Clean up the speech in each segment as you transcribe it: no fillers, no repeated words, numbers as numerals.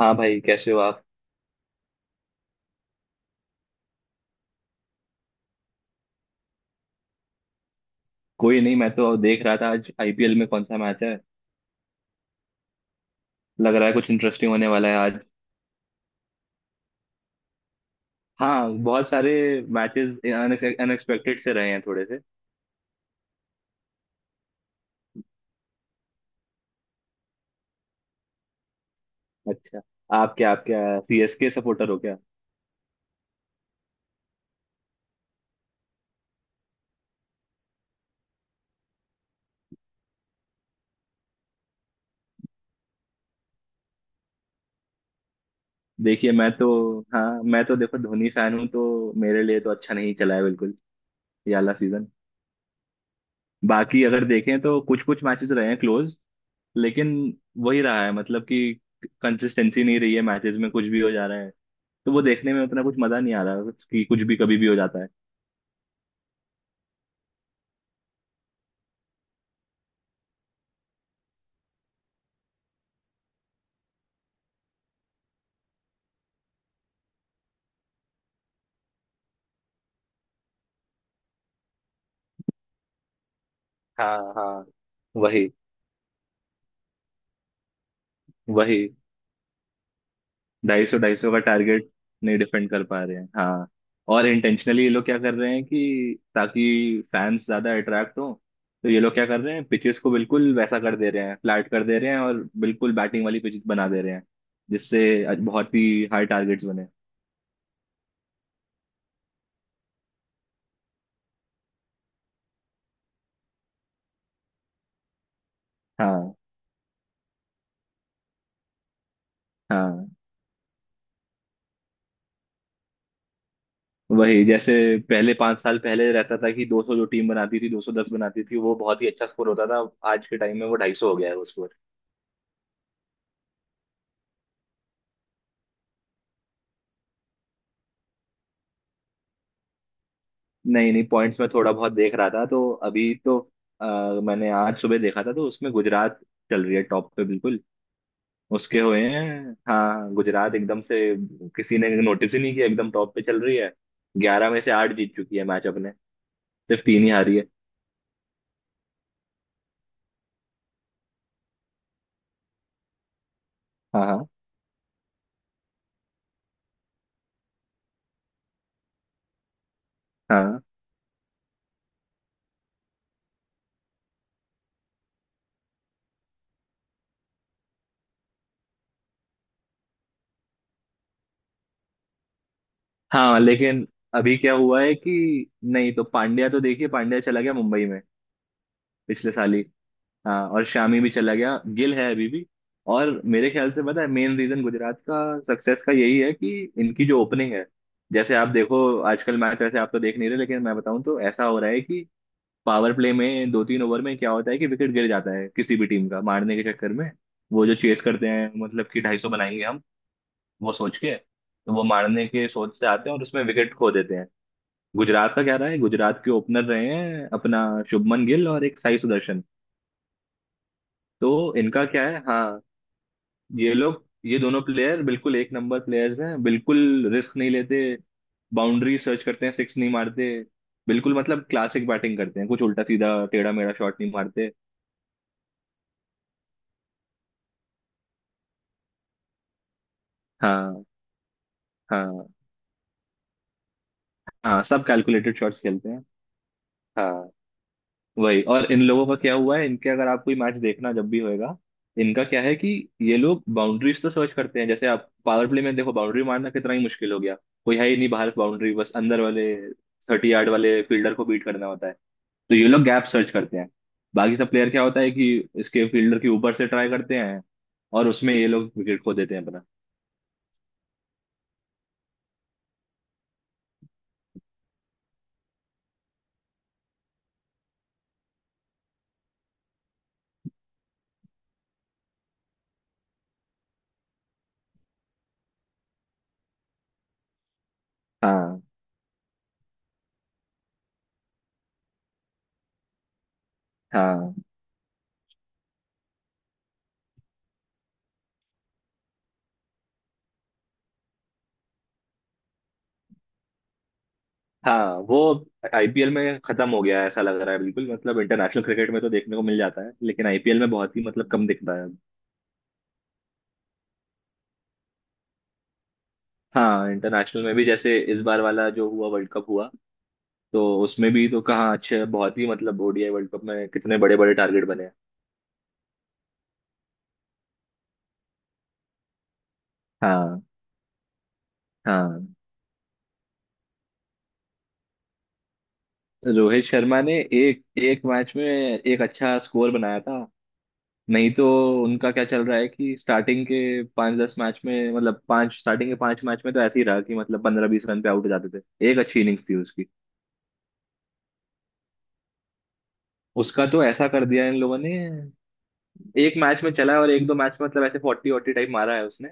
हाँ भाई, कैसे हो आप। कोई नहीं, मैं तो देख रहा था आज आईपीएल में कौन सा मैच है। लग रहा है कुछ इंटरेस्टिंग होने वाला है आज। हाँ, बहुत सारे मैचेस अनएक्सपेक्टेड से रहे हैं थोड़े से। अच्छा। आप क्या सीएसके सपोर्टर हो क्या। देखिए, मैं तो हाँ, मैं तो देखो धोनी फैन हूँ, तो मेरे लिए तो अच्छा नहीं चला है बिल्कुल, ये वाला सीजन। बाकी अगर देखें तो कुछ कुछ मैचेस रहे हैं क्लोज। लेकिन वही रहा है, मतलब कि कंसिस्टेंसी नहीं रही है, मैचेस में कुछ भी हो जा रहा है। तो वो देखने में उतना कुछ मजा नहीं आ रहा, कि कुछ भी कभी भी हो जाता है। हाँ हाँ। वही वही, ढाई सौ का टारगेट नहीं डिफेंड कर पा रहे हैं, हाँ। और इंटेंशनली ये लोग क्या कर रहे हैं कि ताकि फैंस ज्यादा अट्रैक्ट हो, तो ये लोग क्या कर रहे हैं, पिचेस को बिल्कुल वैसा कर दे रहे हैं, फ्लैट कर दे रहे हैं, और बिल्कुल बैटिंग वाली पिचेस बना दे रहे हैं जिससे बहुत ही हाई टारगेट्स बने। हाँ हाँ। वही, जैसे पहले 5 साल पहले रहता था कि 200 जो टीम बनाती थी, 210 बनाती थी, वो बहुत ही अच्छा स्कोर होता था। आज के टाइम में वो 250 हो गया है वो स्कोर। नहीं नहीं, पॉइंट्स में थोड़ा बहुत देख रहा था, तो अभी तो मैंने आज सुबह देखा था तो उसमें गुजरात चल रही है टॉप पे बिल्कुल। उसके हुए हैं हाँ, गुजरात एकदम से किसी ने नोटिस ही नहीं किया, एकदम टॉप पे चल रही है। 11 में से 8 जीत चुकी है मैच अपने, सिर्फ 3 ही हारी है। हाँ हाँ हाँ हाँ। लेकिन अभी क्या हुआ है कि नहीं तो पांड्या तो देखिए, पांड्या चला गया मुंबई में पिछले साल ही। हाँ, और शामी भी चला गया, गिल है अभी भी। और मेरे ख्याल से, पता है, मेन रीजन गुजरात का सक्सेस का यही है कि इनकी जो ओपनिंग है, जैसे आप देखो, आजकल मैच वैसे आप तो देख नहीं रहे, लेकिन मैं बताऊं तो ऐसा हो रहा है कि पावर प्ले में 2 3 ओवर में क्या होता है कि विकेट गिर जाता है किसी भी टीम का, मारने के चक्कर में। वो जो चेस करते हैं मतलब कि ढाई सौ बनाएंगे हम, वो सोच के, तो वो मारने के सोच से आते हैं और उसमें विकेट खो देते हैं। गुजरात का क्या रहा है, गुजरात के ओपनर रहे हैं अपना शुभमन गिल और एक साई सुदर्शन। तो इनका क्या है, हाँ, ये लोग, ये दोनों प्लेयर बिल्कुल एक नंबर प्लेयर्स हैं बिल्कुल। रिस्क नहीं लेते, बाउंड्री सर्च करते हैं, सिक्स नहीं मारते, बिल्कुल मतलब क्लासिक बैटिंग करते हैं, कुछ उल्टा सीधा टेढ़ा मेढ़ा शॉट नहीं मारते। हाँ हाँ हाँ। सब कैलकुलेटेड शॉट्स खेलते हैं, हाँ। वही, और इन लोगों का क्या हुआ है इनके, अगर आप कोई मैच देखना जब भी होएगा, इनका क्या है कि ये लोग बाउंड्रीज तो सर्च करते हैं, जैसे आप पावर प्ले में देखो, बाउंड्री मारना कितना ही मुश्किल हो गया, कोई है ही नहीं बाहर, बाउंड्री बस अंदर वाले थर्टी यार्ड वाले फील्डर को बीट करना होता है, तो ये लोग गैप सर्च करते हैं। बाकी सब प्लेयर क्या होता है कि इसके फील्डर के ऊपर से ट्राई करते हैं और उसमें ये लोग विकेट खो देते हैं अपना। हाँ हाँ। हाँ वो आईपीएल में खत्म हो गया है ऐसा लग रहा है बिल्कुल, मतलब इंटरनेशनल क्रिकेट में तो देखने को मिल जाता है लेकिन आईपीएल में बहुत ही मतलब कम दिखता है अब। हाँ, इंटरनेशनल में भी जैसे इस बार वाला जो हुआ वर्ल्ड कप हुआ, तो उसमें भी तो कहाँ अच्छे, बहुत ही मतलब ओडीआई वर्ल्ड कप में कितने बड़े बड़े टारगेट बने हैं। हाँ हाँ। रोहित शर्मा ने एक एक मैच में एक अच्छा स्कोर बनाया था। नहीं तो उनका क्या चल रहा है कि स्टार्टिंग के 5 10 मैच में, मतलब पांच स्टार्टिंग के 5 मैच में तो ऐसे ही रहा, कि मतलब 15 20 रन पे आउट हो जाते थे। एक अच्छी इनिंग्स थी उसकी। उसका तो ऐसा कर दिया इन लोगों ने, एक मैच में चला है, और एक दो मैच में मतलब ऐसे 40 40 टाइप मारा है उसने।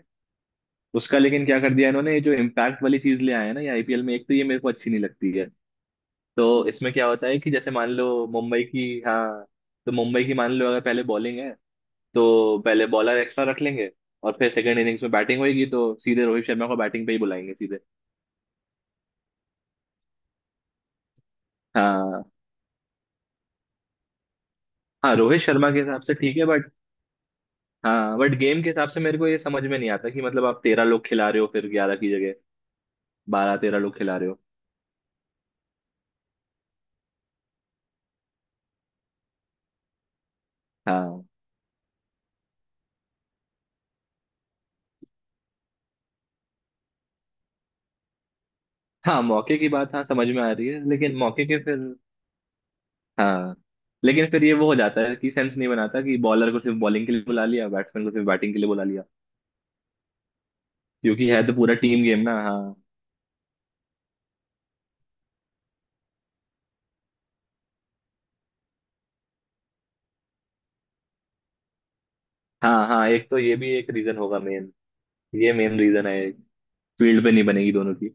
उसका, लेकिन क्या कर दिया इन्होंने, ये जो इम्पैक्ट वाली चीज ले आए हैं ना ये आईपीएल में, एक तो ये मेरे को अच्छी नहीं लगती है। तो इसमें क्या होता है कि जैसे मान लो मुंबई की, हाँ, तो मुंबई की मान लो अगर पहले बॉलिंग है, तो पहले बॉलर एक्स्ट्रा रख लेंगे, और फिर सेकंड इनिंग्स में बैटिंग होगी तो सीधे रोहित शर्मा को बैटिंग पे ही बुलाएंगे सीधे। हाँ। हाँ रोहित शर्मा के हिसाब से ठीक है, बट हाँ, बट गेम के हिसाब से मेरे को ये समझ में नहीं आता कि मतलब आप 13 लोग खिला रहे हो फिर, 11 की जगह 12 13 लोग खिला रहे हो। हाँ हाँ, मौके की बात हाँ समझ में आ रही है, लेकिन मौके के फिर, हाँ, लेकिन फिर ये वो हो जाता है कि सेंस नहीं बनाता कि बॉलर को सिर्फ बॉलिंग के लिए बुला लिया, बैट्समैन को सिर्फ बैटिंग के लिए बुला लिया, क्योंकि है तो पूरा टीम गेम ना, हाँ। हाँ हाँ, एक तो ये भी एक रीजन होगा, मेन ये मेन रीजन है, फील्ड पे नहीं बनेगी दोनों की।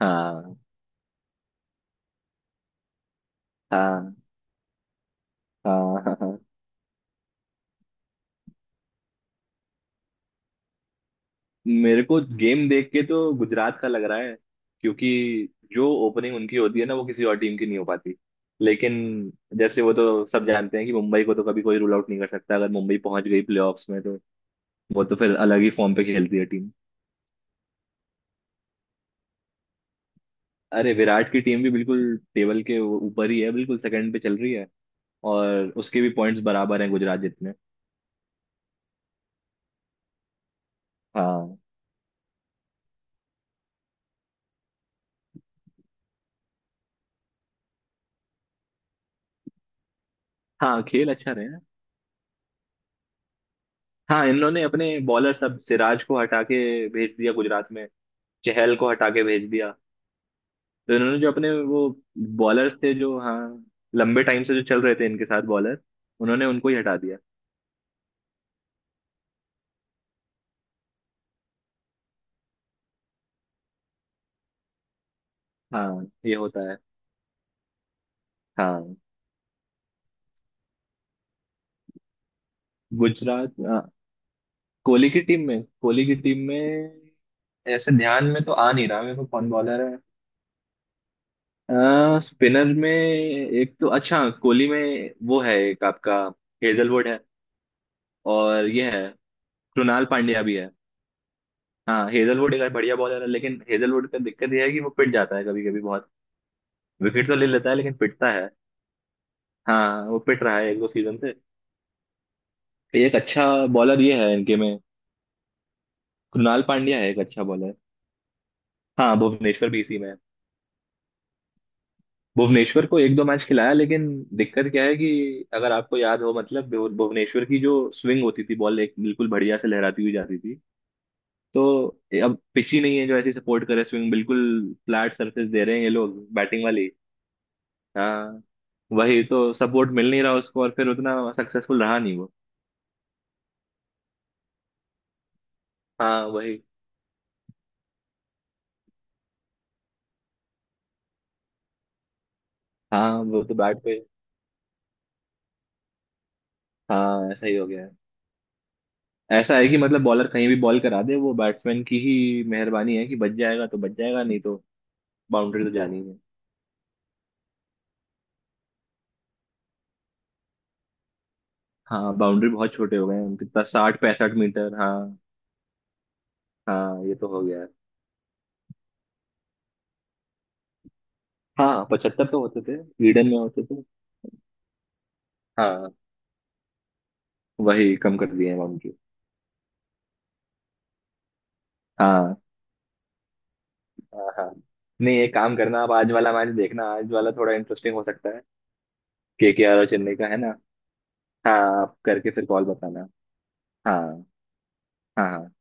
हाँ हाँ हाँ हाँ हाँ। मेरे को गेम देख के तो गुजरात का लग रहा है, क्योंकि जो ओपनिंग उनकी होती है ना वो किसी और टीम की नहीं हो पाती। लेकिन जैसे वो तो सब जानते हैं कि मुंबई को तो कभी कोई रूल आउट नहीं कर सकता, अगर मुंबई पहुंच गई प्लेऑफ्स में तो वो तो फिर अलग ही फॉर्म पे खेलती है टीम। अरे विराट की टीम भी बिल्कुल टेबल के वो ऊपर ही है बिल्कुल, सेकंड पे चल रही है। और उसके भी पॉइंट्स बराबर हैं गुजरात जितने। हाँ हाँ, खेल अच्छा रहे। हाँ इन्होंने अपने बॉलर सब, सिराज को हटा के भेज दिया गुजरात में, चहल को हटा के भेज दिया, तो इन्होंने जो अपने वो बॉलर्स थे जो हाँ लंबे टाइम से जो चल रहे थे इनके साथ बॉलर, उन्होंने उनको ही हटा दिया। हाँ ये होता है, हाँ। गुजरात, हाँ, कोहली की टीम में ऐसे ध्यान में तो आ नहीं रहा मेरे को कौन बॉलर है। स्पिनर में एक तो अच्छा, कोहली में वो है एक आपका हेजलवुड है, और ये है कृणाल पांड्या भी है। हाँ हेजलवुड एक बढ़िया बॉलर है, लेकिन हेजलवुड का दिक्कत यह है कि वो पिट जाता है कभी कभी बहुत, विकेट तो ले लेता है लेकिन पिटता है। हाँ वो पिट रहा है एक दो सीजन से। एक अच्छा बॉलर ये है इनके में, कृणाल पांड्या है, एक अच्छा बॉलर। हाँ भुवनेश्वर भी इसी में है। भुवनेश्वर को एक दो मैच खिलाया, लेकिन दिक्कत क्या है कि अगर आपको याद हो, मतलब भुवनेश्वर की जो स्विंग होती थी, बॉल एक बिल्कुल बढ़िया से लहराती हुई जाती थी, तो अब पिच ही नहीं है जो ऐसी सपोर्ट करे स्विंग बिल्कुल। फ्लैट सरफेस दे रहे हैं ये लोग, बैटिंग वाली। हाँ, वही तो सपोर्ट मिल नहीं रहा उसको, और फिर उतना सक्सेसफुल रहा नहीं वो। हाँ वही। हाँ वो तो बैट पे। हाँ ऐसा ही हो गया है, ऐसा है कि मतलब बॉलर कहीं भी बॉल करा दे, वो बैट्समैन की ही मेहरबानी है कि बच जाएगा तो बच जाएगा, नहीं तो बाउंड्री तो जानी है। हाँ, बाउंड्री बहुत छोटे हो गए हैं, कितना 60 65 मीटर, हाँ। हाँ ये तो हो गया है। हाँ 75 तो होते थे, ईडन में होते थे। हाँ, वही कम कर दिए हैं बाउंड्री। हाँ हाँ हाँ। नहीं, एक काम करना आप, आज वाला मैच देखना, आज वाला थोड़ा इंटरेस्टिंग हो सकता है। के आर और चेन्नई का है ना। हाँ, आप करके फिर कॉल बताना। हाँ हाँ हाँ